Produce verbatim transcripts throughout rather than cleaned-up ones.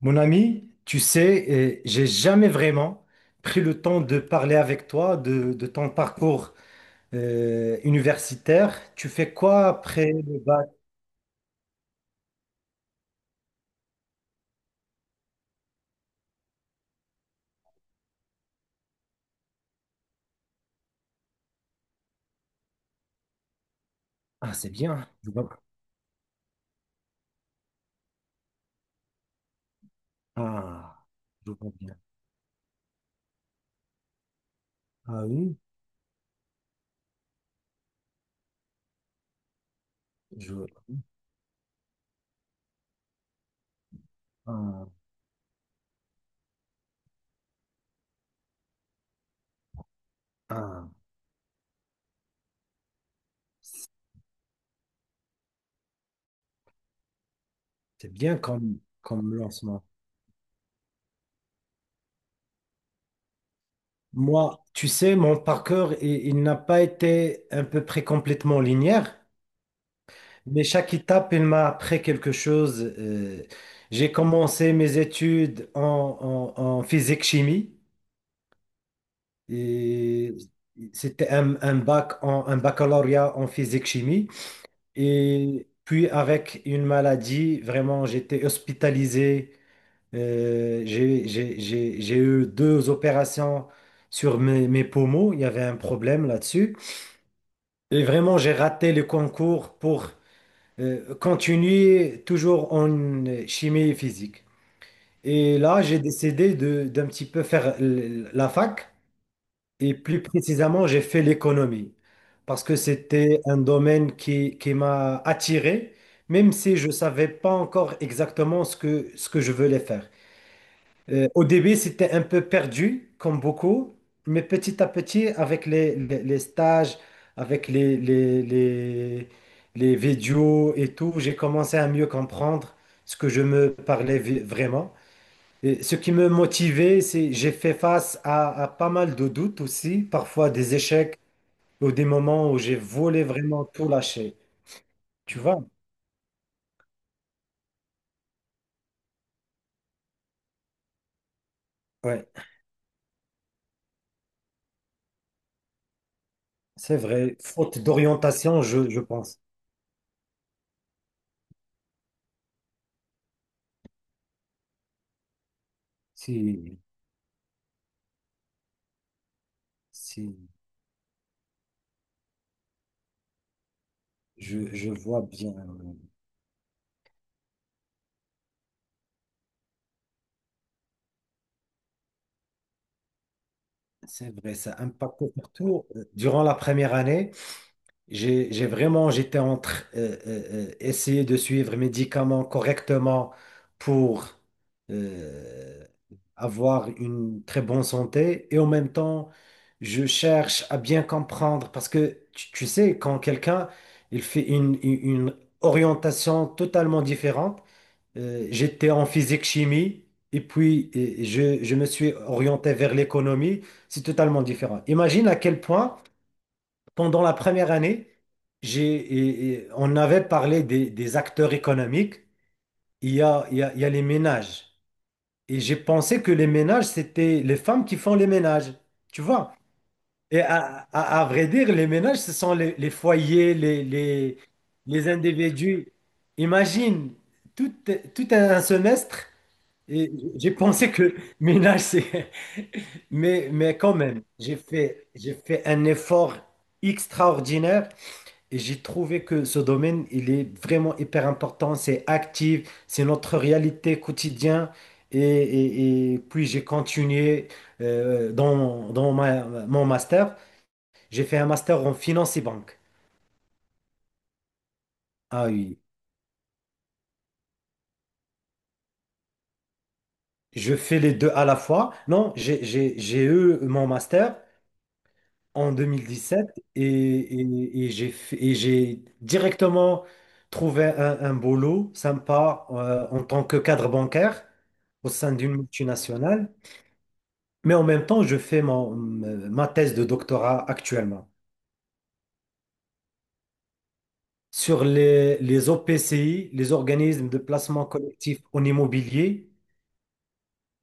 Mon ami, tu sais, euh, j'ai jamais vraiment pris le temps de parler avec toi de, de ton parcours euh, universitaire. Tu fais quoi après le bac? Ah, c'est bien. Je vois. Ah, je vois bien. Ah oui, je vois. Ah, ah, c'est bien comme, comme lancement. Moi, tu sais, mon parcours, il, il n'a pas été à peu près complètement linéaire. Mais chaque étape, elle m'a appris quelque chose. Euh, j'ai commencé mes études en, en- en physique-chimie. Et c'était un, un bac en, un baccalauréat en physique-chimie. Et puis avec une maladie, vraiment, j'étais hospitalisé. Euh, j'ai, j'ai- j'ai- j'ai eu deux opérations sur mes, mes poumons. Il y avait un problème là-dessus. Et vraiment, j'ai raté le concours pour euh, continue toujours en euh, chimie et physique. Et là, j'ai décidé de, d'un petit peu faire l- la fac et plus précisément, j'ai fait l'économie parce que c'était un domaine qui, qui m'a attiré, même si je ne savais pas encore exactement ce que, ce que je voulais faire. Euh, au début, c'était un peu perdu, comme beaucoup, mais petit à petit, avec les, les, les stages, avec les, les, les, les vidéos et tout, j'ai commencé à mieux comprendre ce que je me parlais vi- vraiment. Et ce qui me motivait, c'est j'ai fait face à, à pas mal de doutes aussi, parfois des échecs ou des moments où j'ai voulu vraiment tout lâcher. Tu vois? Ouais, c'est vrai. Faute d'orientation, je, je pense. Si, si. Je, je vois bien, oui. C'est vrai, ça impacte surtout euh, durant la première année. J'ai, j'ai vraiment, j'étais entre euh, euh, euh, essayer de suivre les médicaments correctement pour euh, avoir une très bonne santé et en même temps, je cherche à bien comprendre parce que tu, tu sais, quand quelqu'un il fait une, une une orientation totalement différente. Euh, j'étais en physique chimie et puis euh, je, je me suis orienté vers l'économie. C'est totalement différent. Imagine à quel point, pendant la première année, j'ai, et- et on avait parlé des, des acteurs économiques. Il y a, il y a, il y a les ménages. Et j'ai pensé que les ménages, c'était les femmes qui font les ménages. Tu vois? Et à, à, à vrai dire, les ménages, ce sont les, les foyers, les, les, les individus. Imagine, tout, tout un semestre. Et j'ai pensé que ménage, c'est... Mais, mais quand même, j'ai fait, j'ai fait un effort extraordinaire et j'ai trouvé que ce domaine, il est vraiment hyper important, c'est actif, c'est notre réalité quotidienne. Et, et- et puis j'ai continué euh, dans, dans ma- mon master. J'ai fait un master en finance et banque. Ah oui, je fais les deux à la fois. Non, j'ai j'ai- j'ai eu mon master en deux mille dix-sept et, et- et j'ai fait- et j'ai directement trouvé un, un boulot sympa euh, en tant que cadre bancaire au sein d'une multinationale. Mais en même temps, je fais mon- ma thèse de doctorat actuellement sur les, les O P C I, les organismes de placement collectif en immobilier,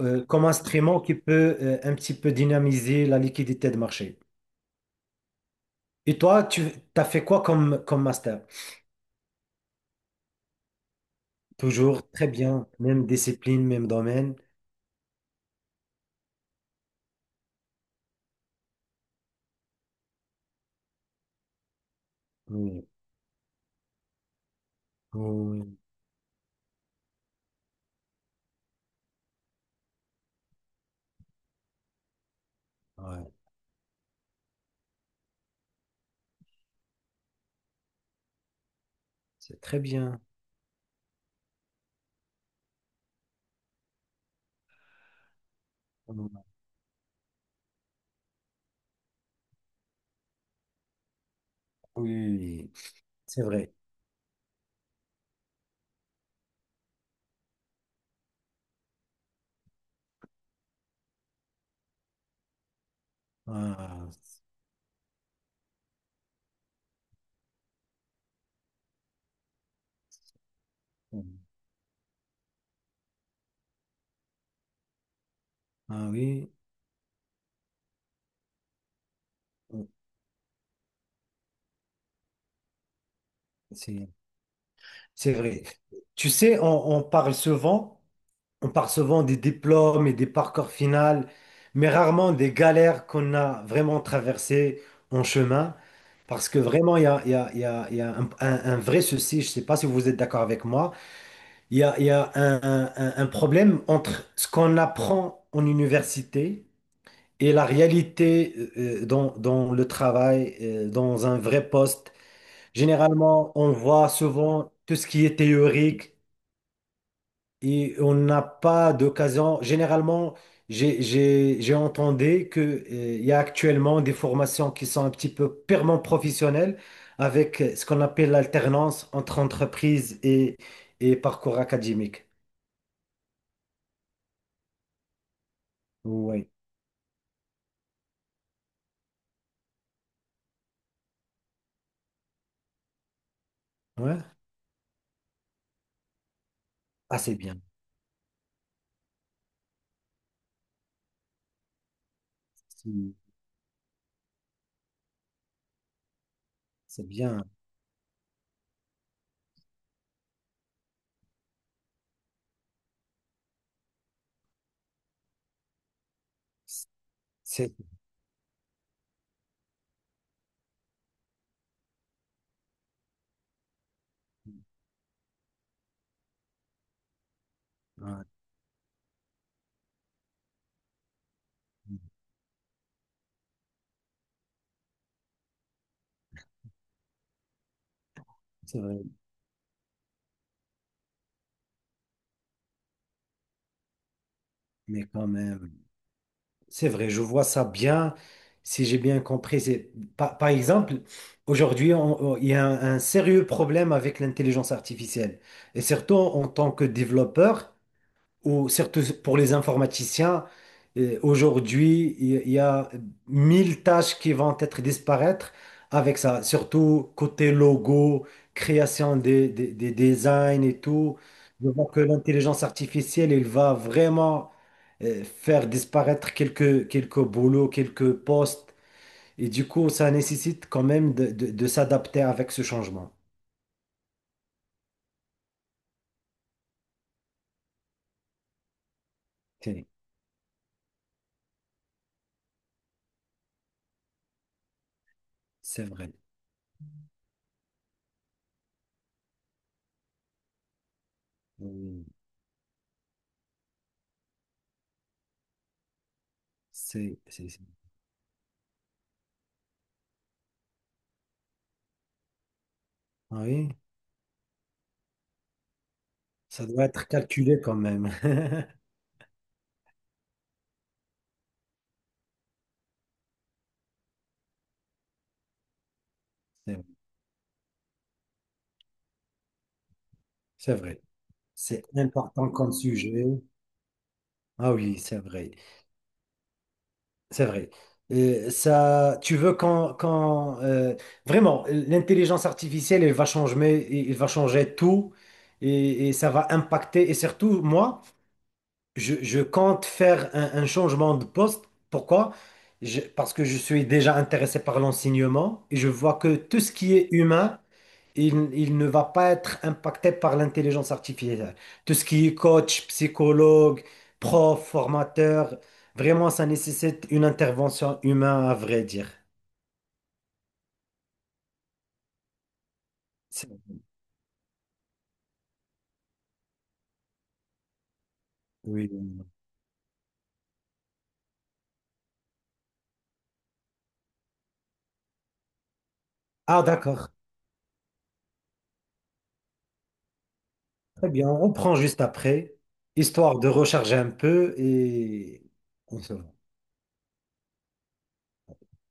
euh, comme instrument qui peut euh, un petit peu dynamiser la liquidité de marché. Et toi, tu as fait quoi comme, comme master? Toujours très bien, même discipline, même domaine. Oui, oui, ouais, c'est très bien. Oui, oui, c'est vrai. Ah, c'est- ah oui, c'est c'est vrai. Tu sais, on, on parle souvent, on parle souvent des diplômes et des parcours finaux, mais rarement des galères qu'on a vraiment traversées en chemin, parce que vraiment, il y a, il y a- il y a- il y a un, un- un vrai souci, je ne sais pas si vous êtes d'accord avec moi. Il y a, il y a un, un- un- un problème entre ce qu'on apprend en université et la réalité euh, euh, dans, dans le travail, euh, dans un vrai poste. Généralement, on voit souvent tout ce qui est théorique et on n'a pas d'occasion. Généralement, j'ai, j'ai, j'ai entendu que, euh, il y a actuellement des formations qui sont un petit peu purement professionnelles avec euh, ce qu'on appelle l'alternance entre entreprise et, et parcours académique. Oui. Ouais. Ah, c'est bien. C'est c'est bien. C'est ouais, c'est vrai. Mais quand même, c'est vrai, je vois ça bien. Si j'ai bien compris, c'est par, par exemple, aujourd'hui, on- on- il y a un, un sérieux problème avec l'intelligence artificielle. Et surtout en tant que développeur, ou surtout pour les informaticiens, euh, aujourd'hui, il y il y a mille tâches qui vont être disparaître avec ça, surtout côté logo, création des, des- des designs et tout. Je vois que l'intelligence artificielle, elle va vraiment euh, faire disparaître quelques, quelques boulots, quelques postes. Et du coup, ça nécessite quand même de, de- de s'adapter avec ce changement. C'est c'est vrai. Mm. C'est, c'est- c'est- Ah oui. Ça doit être calculé quand même. C'est vrai. C'est vrai. C'est important comme sujet. Ah oui, c'est vrai. C'est vrai. Euh, ça, tu veux quand, quand euh, vraiment, l'intelligence artificielle, elle va changer, elle va changer tout et, et ça va impacter. Et surtout, moi, je, je compte faire un, un changement de poste. Pourquoi? Je- parce que je suis déjà intéressé par l'enseignement et je vois que tout ce qui est humain, il, il ne va pas être impacté par l'intelligence artificielle. Tout ce qui est coach, psychologue, prof, formateur, vraiment, ça nécessite une intervention humaine, à vrai dire. C'est- Oui. Ah, d'accord. Très bien, on reprend juste après, histoire de recharger un peu et on se voit.